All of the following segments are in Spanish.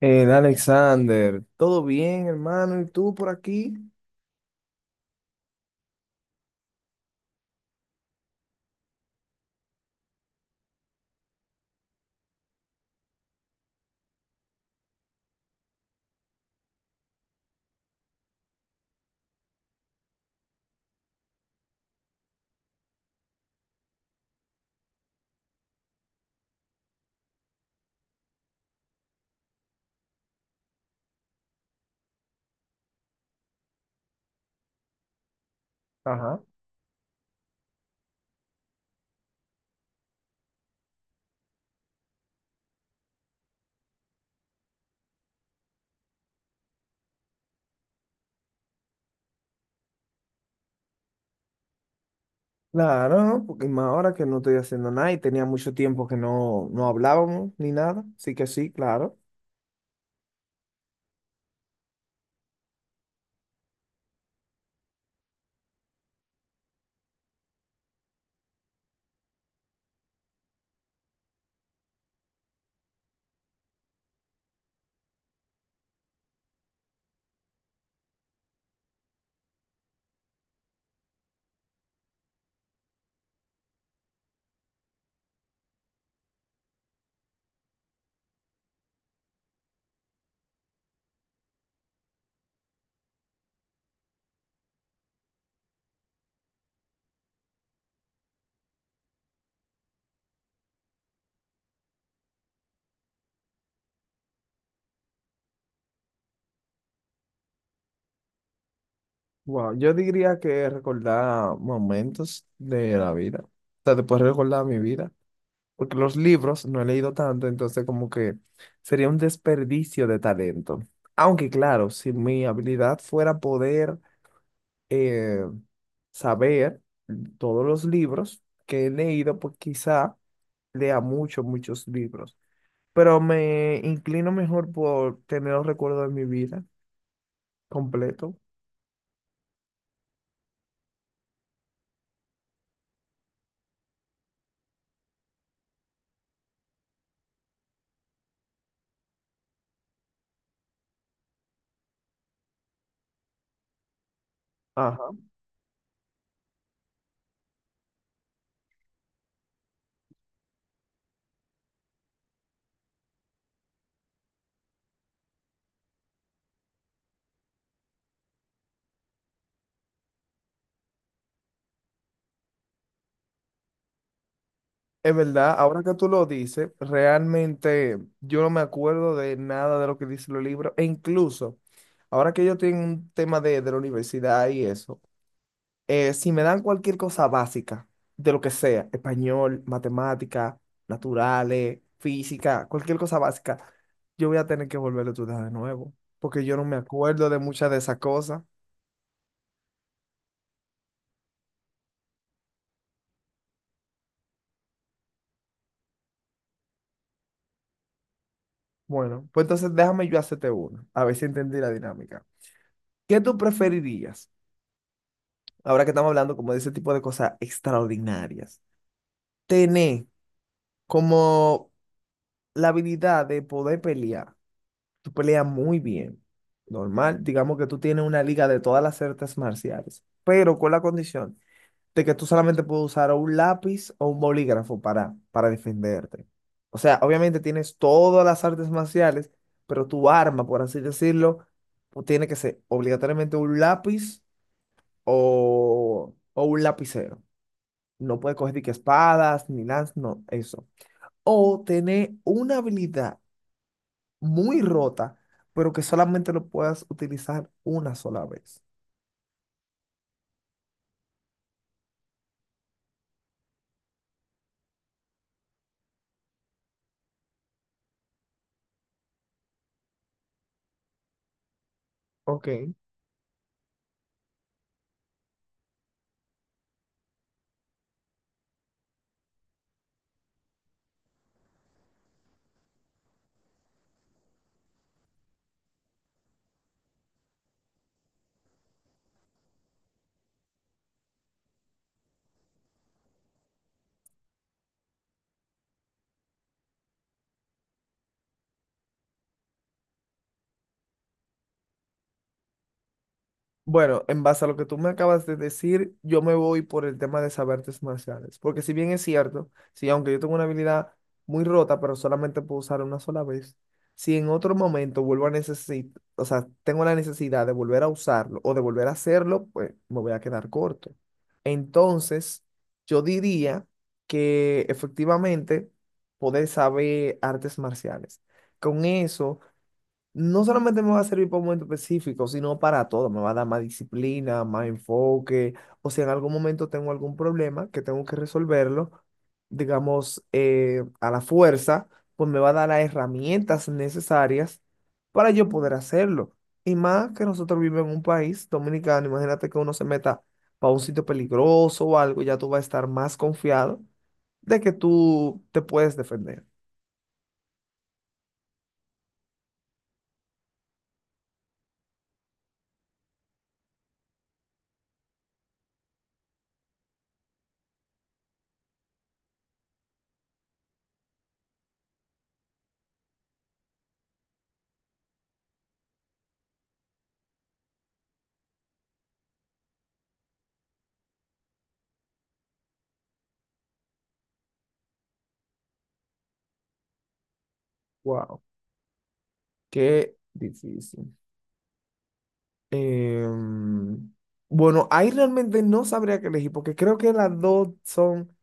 Alexander, ¿todo bien, hermano? ¿Y tú por aquí? Ajá. Claro, ¿no? Porque más ahora que no estoy haciendo nada y tenía mucho tiempo que no hablábamos ni nada. Así que sí, claro. Wow, yo diría que recordar momentos de la vida. O sea, después recordar mi vida. Porque los libros no he leído tanto, entonces como que sería un desperdicio de talento. Aunque claro, si mi habilidad fuera poder eh, saber todos los libros que he leído, pues quizá lea muchos, muchos libros, pero me inclino mejor por tener los recuerdos de mi vida completo. Ajá. Es verdad, ahora que tú lo dices, realmente yo no me acuerdo de nada de lo que dicen los libros, e incluso ahora que yo tengo un tema de la universidad y eso. Si me dan cualquier cosa básica, de lo que sea, español, matemática, naturales, física, cualquier cosa básica, yo voy a tener que volver a estudiar de nuevo, porque yo no me acuerdo de muchas de esas cosas. Bueno, pues entonces déjame yo hacerte una, a ver si entendí la dinámica. ¿Qué tú preferirías, ahora que estamos hablando como de ese tipo de cosas extraordinarias, tener como la habilidad de poder pelear? Tú peleas muy bien. Normal, digamos que tú tienes una liga de todas las artes marciales, pero con la condición de que tú solamente puedes usar o un lápiz o un bolígrafo para defenderte. O sea, obviamente tienes todas las artes marciales, pero tu arma, por así decirlo, pues, tiene que ser obligatoriamente un lápiz o un lapicero. No puedes coger ni que espadas, ni lanzas, no, eso. O tener una habilidad muy rota, pero que solamente lo puedas utilizar una sola vez. Ok. Bueno, en base a lo que tú me acabas de decir, yo me voy por el tema de saber artes marciales. Porque si bien es cierto, si aunque yo tengo una habilidad muy rota, pero solamente puedo usar una sola vez, si en otro momento vuelvo a necesitar, o sea, tengo la necesidad de volver a usarlo o de volver a hacerlo, pues me voy a quedar corto. Entonces, yo diría que efectivamente poder saber artes marciales. Con eso no solamente me va a servir para un momento específico, sino para todo. Me va a dar más disciplina, más enfoque. O si en algún momento tengo algún problema que tengo que resolverlo, digamos, a la fuerza, pues me va a dar las herramientas necesarias para yo poder hacerlo. Y más que nosotros vivimos en un país dominicano, imagínate que uno se meta para un sitio peligroso o algo, ya tú vas a estar más confiado de que tú te puedes defender. Wow, qué difícil. Em, bueno, ahí realmente no sabría qué elegir porque creo que las dos son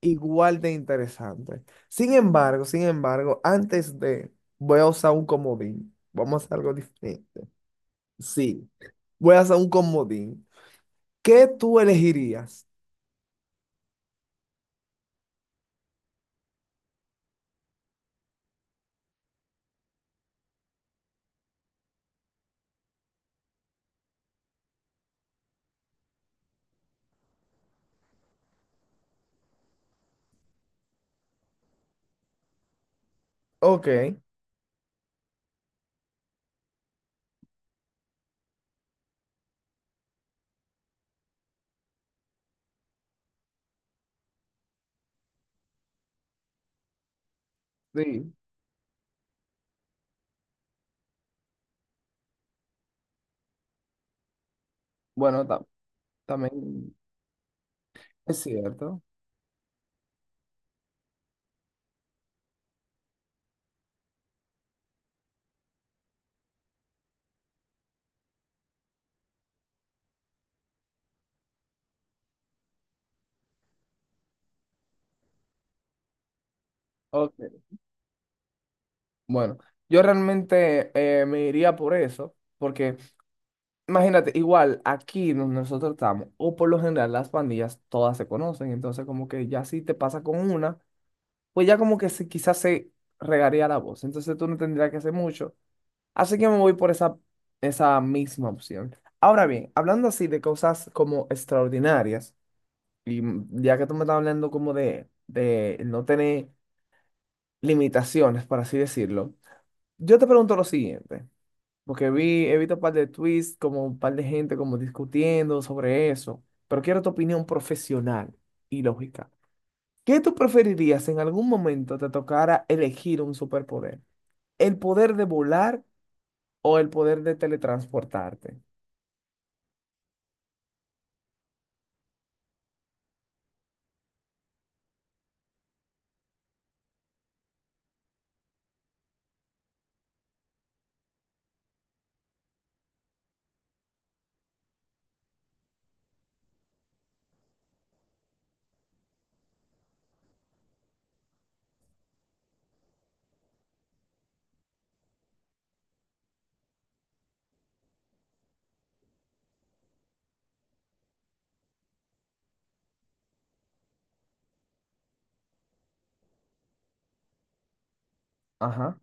igual de interesantes. Sin embargo, sin embargo, voy a usar un comodín. Vamos a hacer algo diferente. Sí, voy a usar un comodín. ¿Qué tú elegirías? Ok. Sí, bueno, también es cierto. Ok. Bueno, yo realmente me iría por eso, porque imagínate, igual aquí donde nosotros estamos, o por lo general las pandillas todas se conocen, entonces como que ya si te pasa con una, pues ya como que se, quizás se regaría la voz, entonces tú no tendrías que hacer mucho, así que me voy por esa, esa misma opción. Ahora bien, hablando así de cosas como extraordinarias, y ya que tú me estás hablando como de no tener limitaciones, por así decirlo, yo te pregunto lo siguiente. Porque vi, he visto un par de tweets, como un par de gente como discutiendo sobre eso. Pero quiero tu opinión profesional y lógica. ¿Qué tú preferirías si en algún momento te tocara elegir un superpoder? ¿El poder de volar o el poder de teletransportarte? Ajá.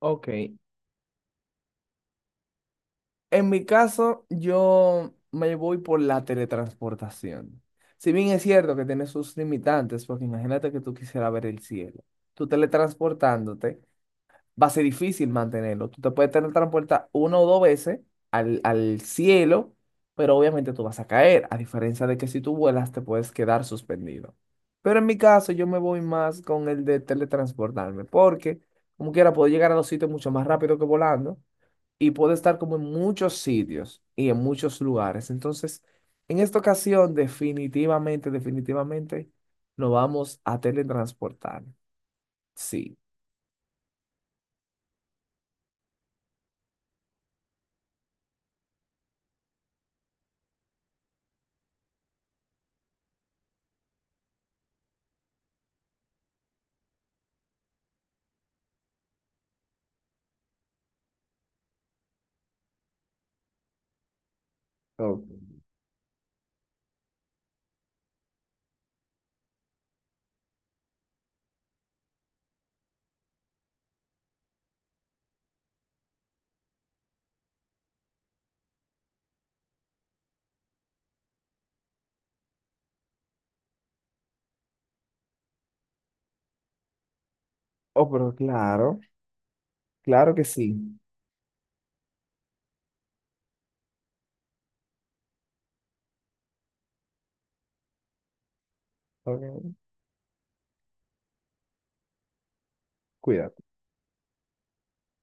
Ok. En mi caso, yo me voy por la teletransportación. Si bien es cierto que tiene sus limitantes, porque imagínate que tú quisieras ver el cielo. Tú teletransportándote va a ser difícil mantenerlo. Tú te puedes teletransportar una o dos veces al cielo, pero obviamente tú vas a caer, a diferencia de que si tú vuelas te puedes quedar suspendido. Pero en mi caso yo me voy más con el de teletransportarme, porque como quiera puedo llegar a los sitios mucho más rápido que volando y puedo estar como en muchos sitios y en muchos lugares. Entonces, en esta ocasión definitivamente, definitivamente nos vamos a teletransportar. Sí. Oh, oh, pero claro. Claro que sí. Ok. Cuídate.